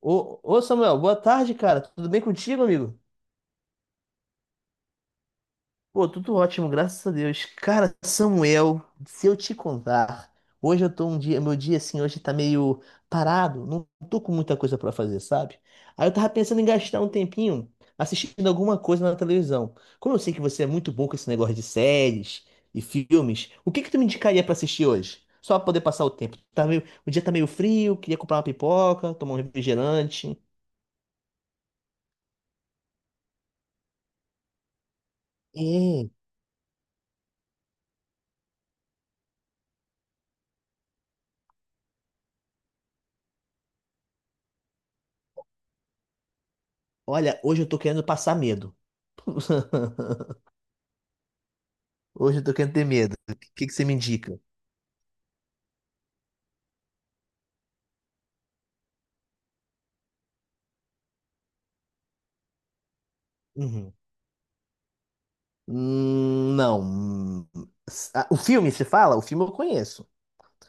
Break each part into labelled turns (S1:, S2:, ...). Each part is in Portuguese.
S1: Ô, ô Samuel, boa tarde, cara. Tudo bem contigo, amigo? Pô, tudo ótimo, graças a Deus. Cara, Samuel, se eu te contar, hoje eu tô um dia, meu dia assim, hoje tá meio parado, não tô com muita coisa pra fazer, sabe? Aí eu tava pensando em gastar um tempinho assistindo alguma coisa na televisão. Como eu sei que você é muito bom com esse negócio de séries e filmes, o que que tu me indicaria pra assistir hoje? Só pra poder passar o tempo. Tá meio, o dia tá meio frio, queria comprar uma pipoca, tomar um refrigerante. É. Olha, hoje eu tô querendo passar medo. Hoje eu tô querendo ter medo. O que que você me indica? Uhum. Não. O filme, você fala? O filme eu conheço,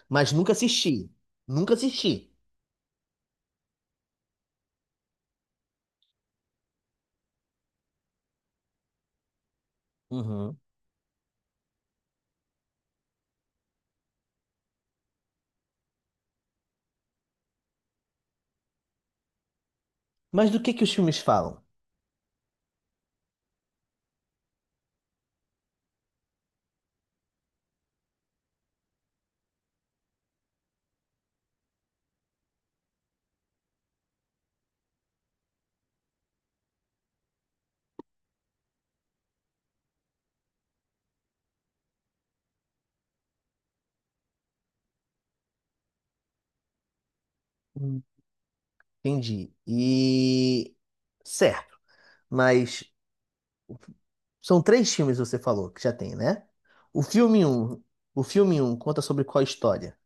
S1: mas nunca assisti. Nunca assisti. Uhum. Mas do que os filmes falam? Hum. Entendi. E certo, mas são três filmes você falou que já tem, né? O filme um, o filme um conta sobre qual história?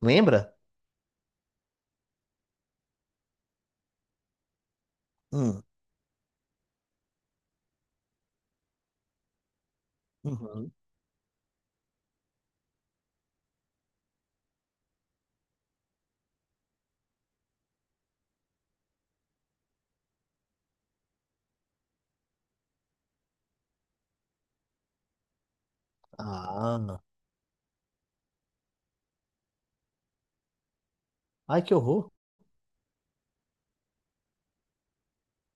S1: Lembra? Hum. Uhum. Ah, ai que horror.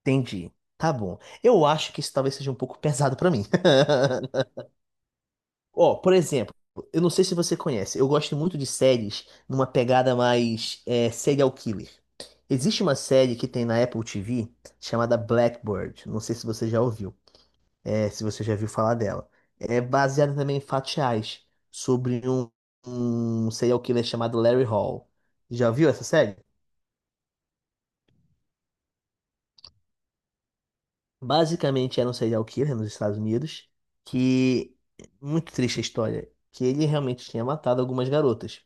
S1: Entendi. Tá bom. Eu acho que isso talvez seja um pouco pesado pra mim. Ó, por exemplo, eu não sei se você conhece, eu gosto muito de séries numa pegada mais serial killer. Existe uma série que tem na Apple TV chamada Blackbird. Não sei se você já ouviu, é, se você já viu falar dela. É baseada também em fatos reais sobre um serial killer chamado Larry Hall. Já viu essa série? Basicamente era um serial killer nos Estados Unidos, que muito triste a história, que ele realmente tinha matado algumas garotas.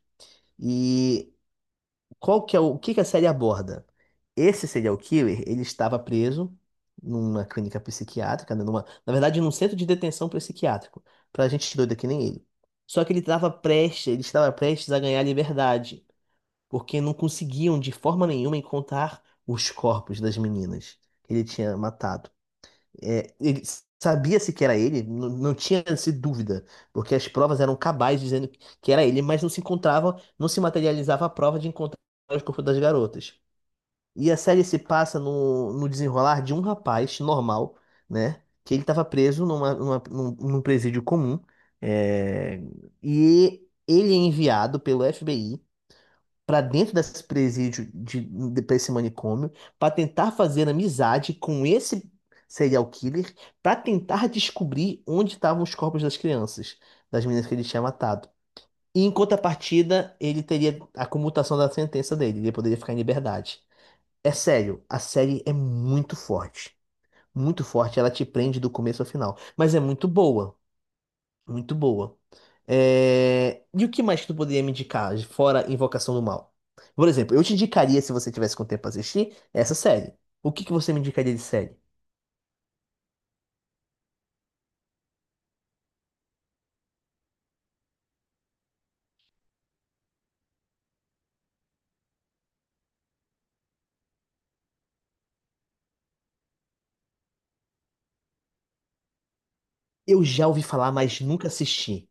S1: E qual que é o que que a série aborda? Esse serial killer, ele estava preso numa clínica psiquiátrica, né, na verdade, num centro de detenção psiquiátrico, pra gente doida que nem ele. Só que ele estava prestes a ganhar liberdade, porque não conseguiam de forma nenhuma encontrar os corpos das meninas que ele tinha matado. É, ele sabia-se que era ele, não tinha essa dúvida, porque as provas eram cabais dizendo que era ele, mas não se encontrava, não se materializava a prova de encontrar os corpos das garotas. E a série se passa no desenrolar de um rapaz normal, né? Que ele estava preso num presídio comum, é, e ele é enviado pelo FBI para dentro desse presídio, para esse manicômio, para tentar fazer amizade com esse serial killer, para tentar descobrir onde estavam os corpos das crianças, das meninas que ele tinha matado. E em contrapartida, ele teria a comutação da sentença dele, ele poderia ficar em liberdade. É sério, a série é muito forte. Muito forte, ela te prende do começo ao final. Mas é muito boa. Muito boa. É, e o que mais que tu poderia me indicar, fora Invocação do Mal? Por exemplo, eu te indicaria, se você tivesse com tempo pra assistir, essa série. O que que você me indicaria de série? Eu já ouvi falar, mas nunca assisti.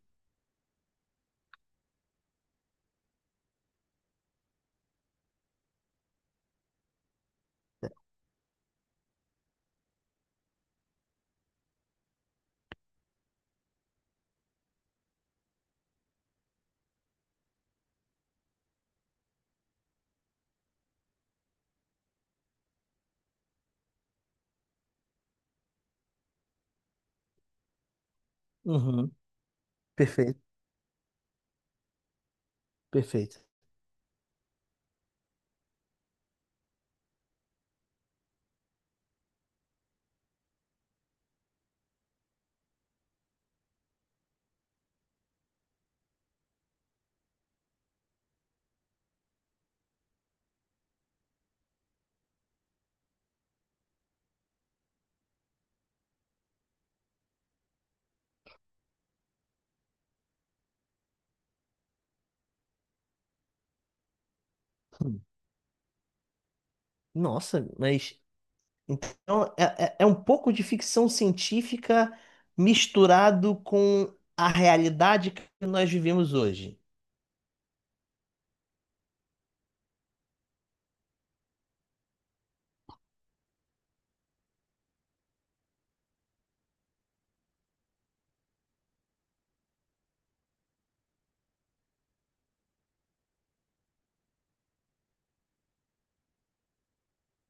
S1: Uhum. Perfeito. Perfeito. Hum. Nossa, mas então é um pouco de ficção científica misturado com a realidade que nós vivemos hoje.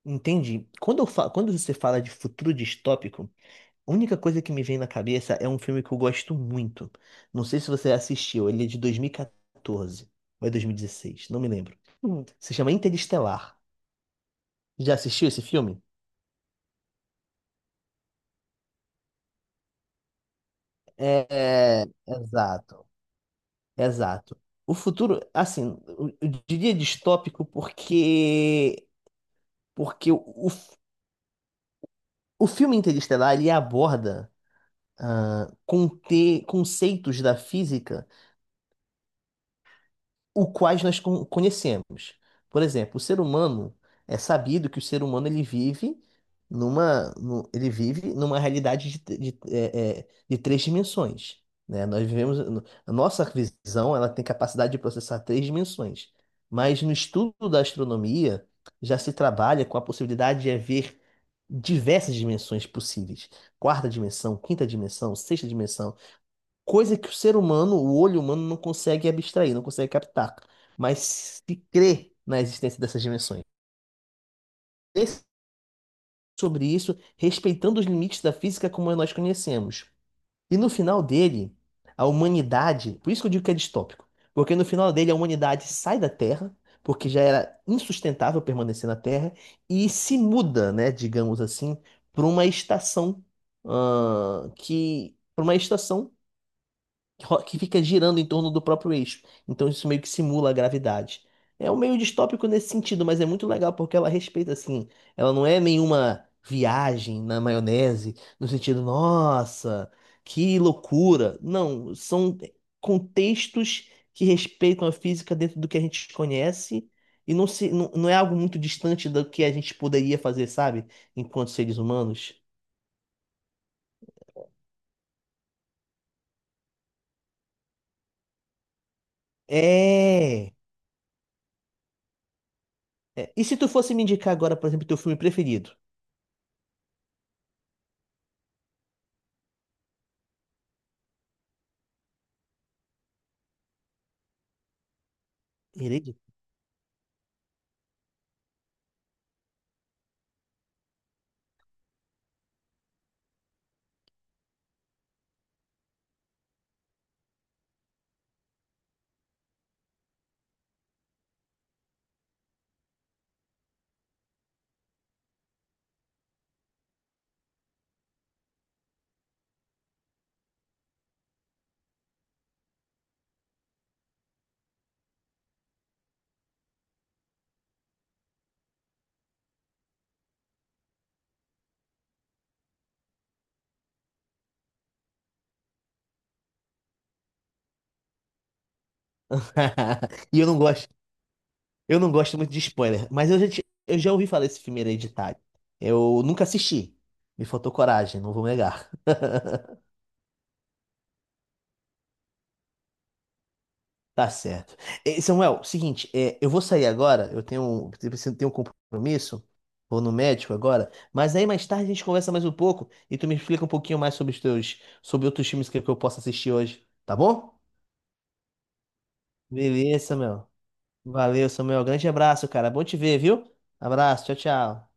S1: Entendi. Quando você fala de futuro distópico, a única coisa que me vem na cabeça é um filme que eu gosto muito. Não sei se você assistiu, ele é de 2014 ou é 2016, não me lembro. Hum. Se chama Interestelar. Já assistiu esse filme? É, é, exato, exato. O futuro, assim, eu diria distópico porque porque o, f- o filme Interestelar ele aborda conceitos da física o quais conhecemos. Por exemplo, o ser humano é sabido que o ser humano ele vive ele vive numa realidade de, t- de, é, é, de 3 dimensões, né? Nós vivemos, a nossa visão ela tem capacidade de processar 3 dimensões, mas no estudo da astronomia já se trabalha com a possibilidade de haver diversas dimensões possíveis, quarta dimensão, quinta dimensão, sexta dimensão, coisa que o ser humano, o olho humano, não consegue abstrair, não consegue captar, mas se crê na existência dessas dimensões. Pense sobre isso, respeitando os limites da física como nós conhecemos. E no final dele, a humanidade, por isso que eu digo que é distópico, porque no final dele a humanidade sai da Terra, porque já era insustentável permanecer na Terra, e se muda, né, digamos assim, para uma estação, para uma estação que fica girando em torno do próprio eixo. Então isso meio que simula a gravidade. É um meio distópico nesse sentido, mas é muito legal porque ela respeita assim. Ela não é nenhuma viagem na maionese, no sentido, nossa, que loucura. Não, são contextos que respeitam a física dentro do que a gente conhece e não se, não, não é algo muito distante do que a gente poderia fazer, sabe? Enquanto seres humanos. É. É, e se tu fosse me indicar agora, por exemplo, teu filme preferido? Irei. E eu não gosto muito de spoiler, mas eu já ouvi falar desse filme Hereditário. Eu nunca assisti. Me faltou coragem, não vou negar. Tá certo. Samuel, seguinte, eu vou sair agora, eu preciso ter um compromisso, vou no médico agora, mas aí mais tarde a gente conversa mais um pouco e tu me explica um pouquinho mais sobre os teus, sobre outros filmes que eu posso assistir hoje, tá bom? Beleza, Samuel. Valeu, Samuel. Grande abraço, cara. Bom te ver, viu? Abraço, tchau, tchau.